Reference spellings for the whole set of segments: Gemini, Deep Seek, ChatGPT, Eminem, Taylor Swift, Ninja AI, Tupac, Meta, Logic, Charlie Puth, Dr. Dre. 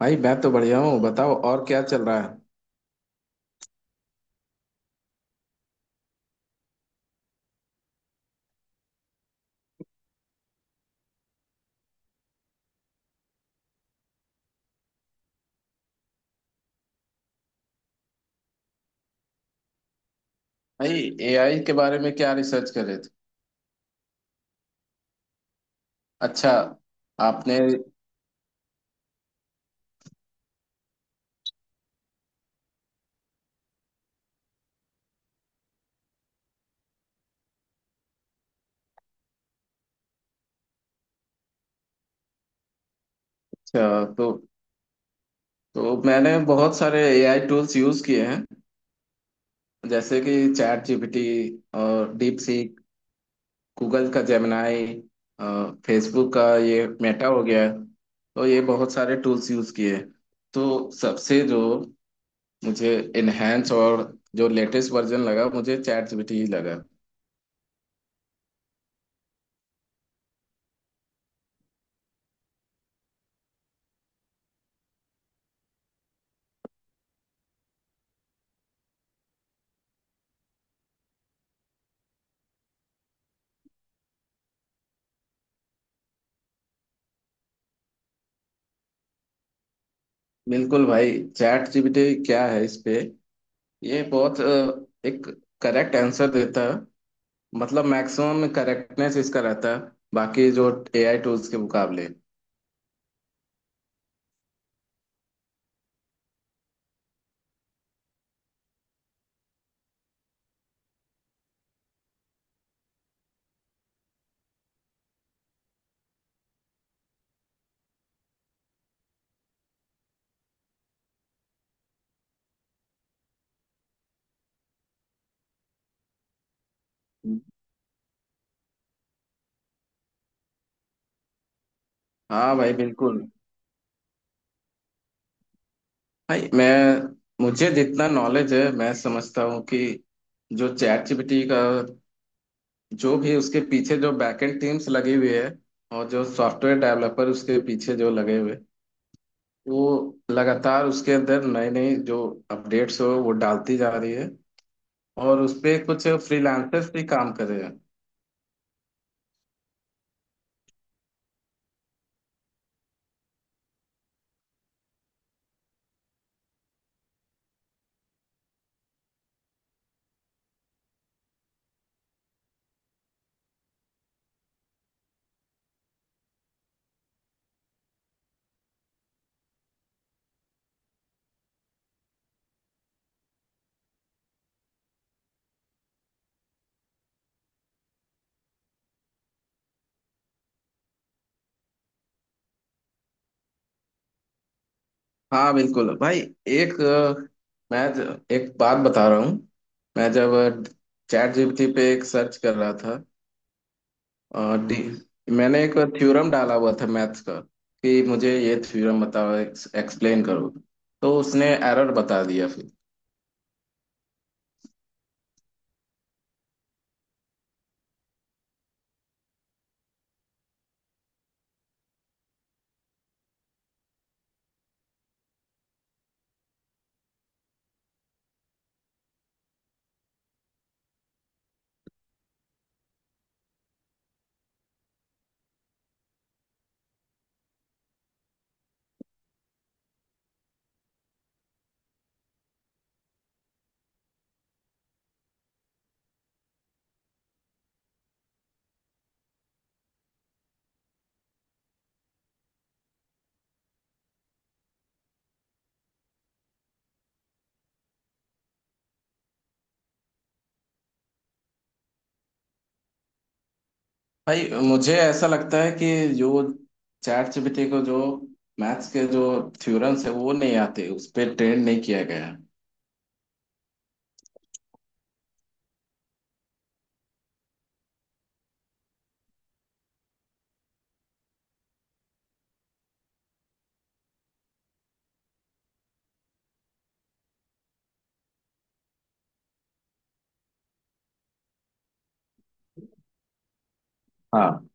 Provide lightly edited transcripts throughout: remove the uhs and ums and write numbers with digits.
भाई मैं तो बढ़िया हूँ। बताओ और क्या चल रहा है। भाई एआई के बारे में क्या रिसर्च कर रहे थे। अच्छा, आपने। अच्छा, तो मैंने बहुत सारे एआई टूल्स यूज किए हैं। जैसे कि चैट जीपीटी और डीप सीक, गूगल का जेमिनाई, फेसबुक का ये मेटा हो गया है। तो ये बहुत सारे टूल्स यूज किए हैं। तो सबसे जो मुझे इनहेंस और जो लेटेस्ट वर्जन लगा, मुझे चैट जीपीटी ही लगा। बिल्कुल भाई। चैट जीपीटी क्या है, इस पे ये बहुत एक करेक्ट आंसर देता है। मतलब मैक्सिमम करेक्टनेस इसका रहता है, बाकी जो एआई टूल्स के मुकाबले। हाँ भाई, बिल्कुल। भाई मैं, मुझे जितना नॉलेज है, मैं समझता हूँ कि जो चैट जीपीटी का, जो भी उसके पीछे जो बैकएंड टीम्स लगी हुई है और जो सॉफ्टवेयर डेवलपर उसके पीछे जो लगे हुए, वो लगातार उसके अंदर नए नए जो अपडेट्स हो वो डालती जा रही है। और उस पे कुछ फ्रीलांसर्स भी काम कर रहे हैं। हाँ बिल्कुल भाई। एक मैं एक बात बता रहा हूँ। मैं जब चैट जीपीटी पे एक सर्च कर रहा था, और मैंने एक थ्योरम डाला हुआ था मैथ्स का, कि मुझे ये थ्योरम बताओ, एक्सप्लेन करो। तो उसने एरर बता दिया फिर। भाई, मुझे ऐसा लगता है कि जो चैट जीपीटी को जो मैथ्स के जो थ्योरम्स है वो नहीं आते, उस पर ट्रेन नहीं किया गया। हाँ।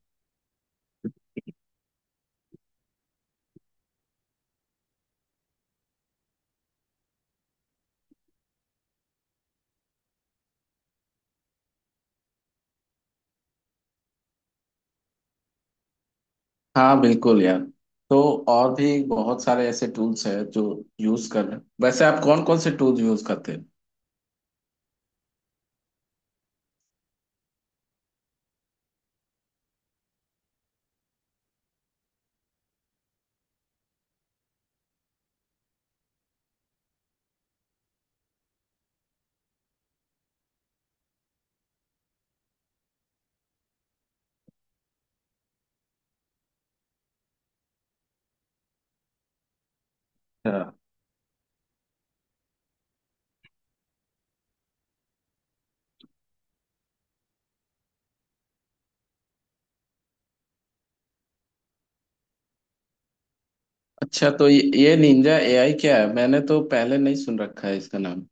हाँ बिल्कुल यार। तो और भी बहुत सारे ऐसे टूल्स हैं जो यूज कर रहे हैं। वैसे आप कौन कौन से टूल्स यूज करते हैं। अच्छा। अच्छा, तो ये निंजा एआई क्या है, मैंने तो पहले नहीं सुन रखा है इसका नाम।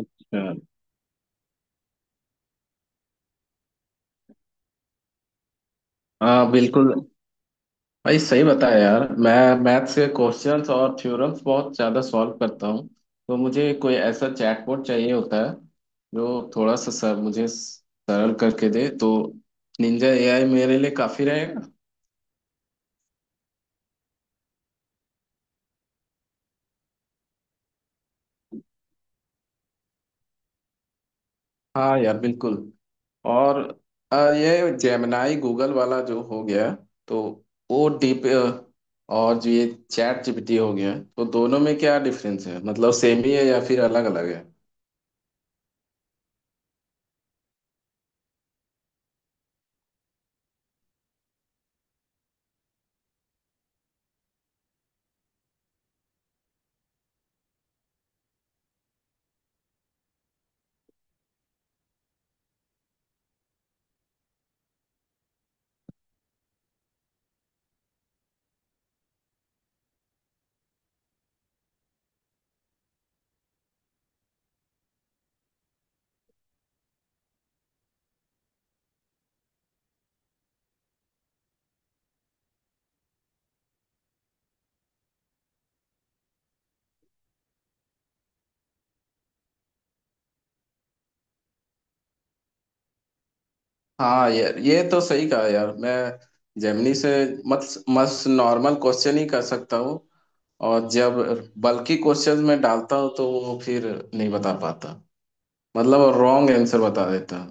अच्छा। हाँ बिल्कुल भाई, सही बताया यार। मैं मैथ्स के क्वेश्चंस और थ्योरम्स बहुत ज़्यादा सॉल्व करता हूँ। तो मुझे कोई ऐसा चैटबॉट चाहिए होता है जो थोड़ा सा सर मुझे सरल करके दे। तो निंजा एआई मेरे लिए काफ़ी रहेगा। हाँ यार बिल्कुल। और ये जेमिनाई गूगल वाला जो हो गया, तो वो डीप, और जो ये चैट जीपीटी हो गया, तो दोनों में क्या डिफरेंस है, मतलब सेम ही है या फिर अलग अलग है। हाँ यार, ये तो सही कहा यार। मैं जेमिनी से मत मस्त नॉर्मल क्वेश्चन ही कर सकता हूँ। और जब बल्कि क्वेश्चन में डालता हूँ तो वो फिर नहीं बता पाता। मतलब रॉन्ग आंसर बता देता।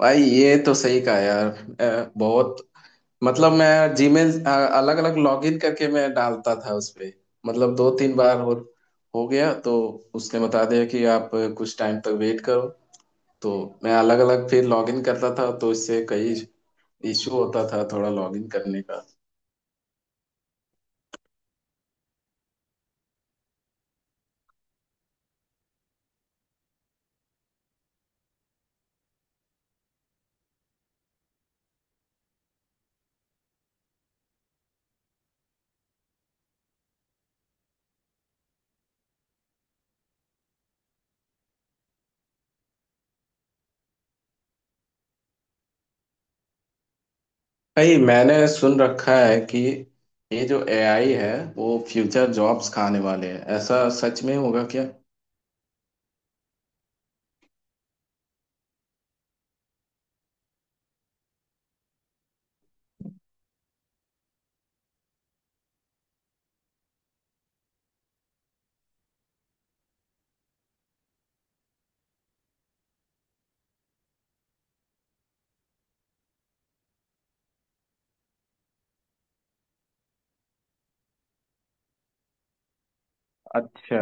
भाई ये तो सही कहा यार। बहुत, मतलब मैं जीमेल अलग अलग लॉगिन करके मैं डालता था उसपे। मतलब दो तीन बार हो गया, तो उसने बता दिया कि आप कुछ टाइम तक वेट करो। तो मैं अलग अलग फिर लॉगिन करता था, तो इससे कई इशू होता था थोड़ा लॉगिन करने का। भाई मैंने सुन रखा है कि ये जो एआई है, वो फ्यूचर जॉब्स खाने वाले हैं, ऐसा सच में होगा क्या। अच्छा।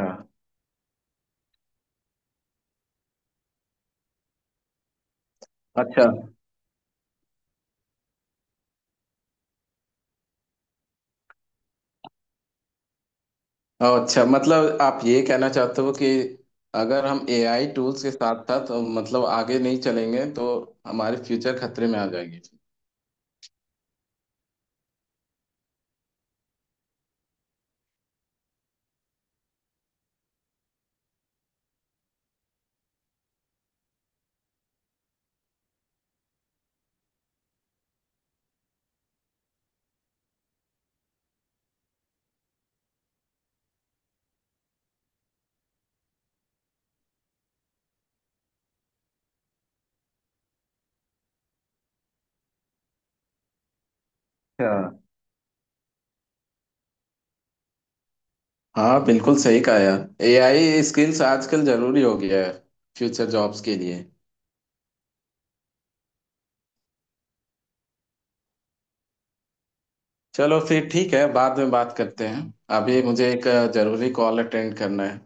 अच्छा। अच्छा, मतलब आप ये कहना चाहते हो कि अगर हम एआई टूल्स के साथ साथ, मतलब आगे नहीं चलेंगे तो हमारे फ्यूचर खतरे में आ जाएगी। हाँ, हाँ बिल्कुल सही कहा यार। एआई स्किल्स आजकल जरूरी हो गया है फ्यूचर जॉब्स के लिए। चलो फिर ठीक है, बाद में बात करते हैं। अभी मुझे एक जरूरी कॉल अटेंड करना है।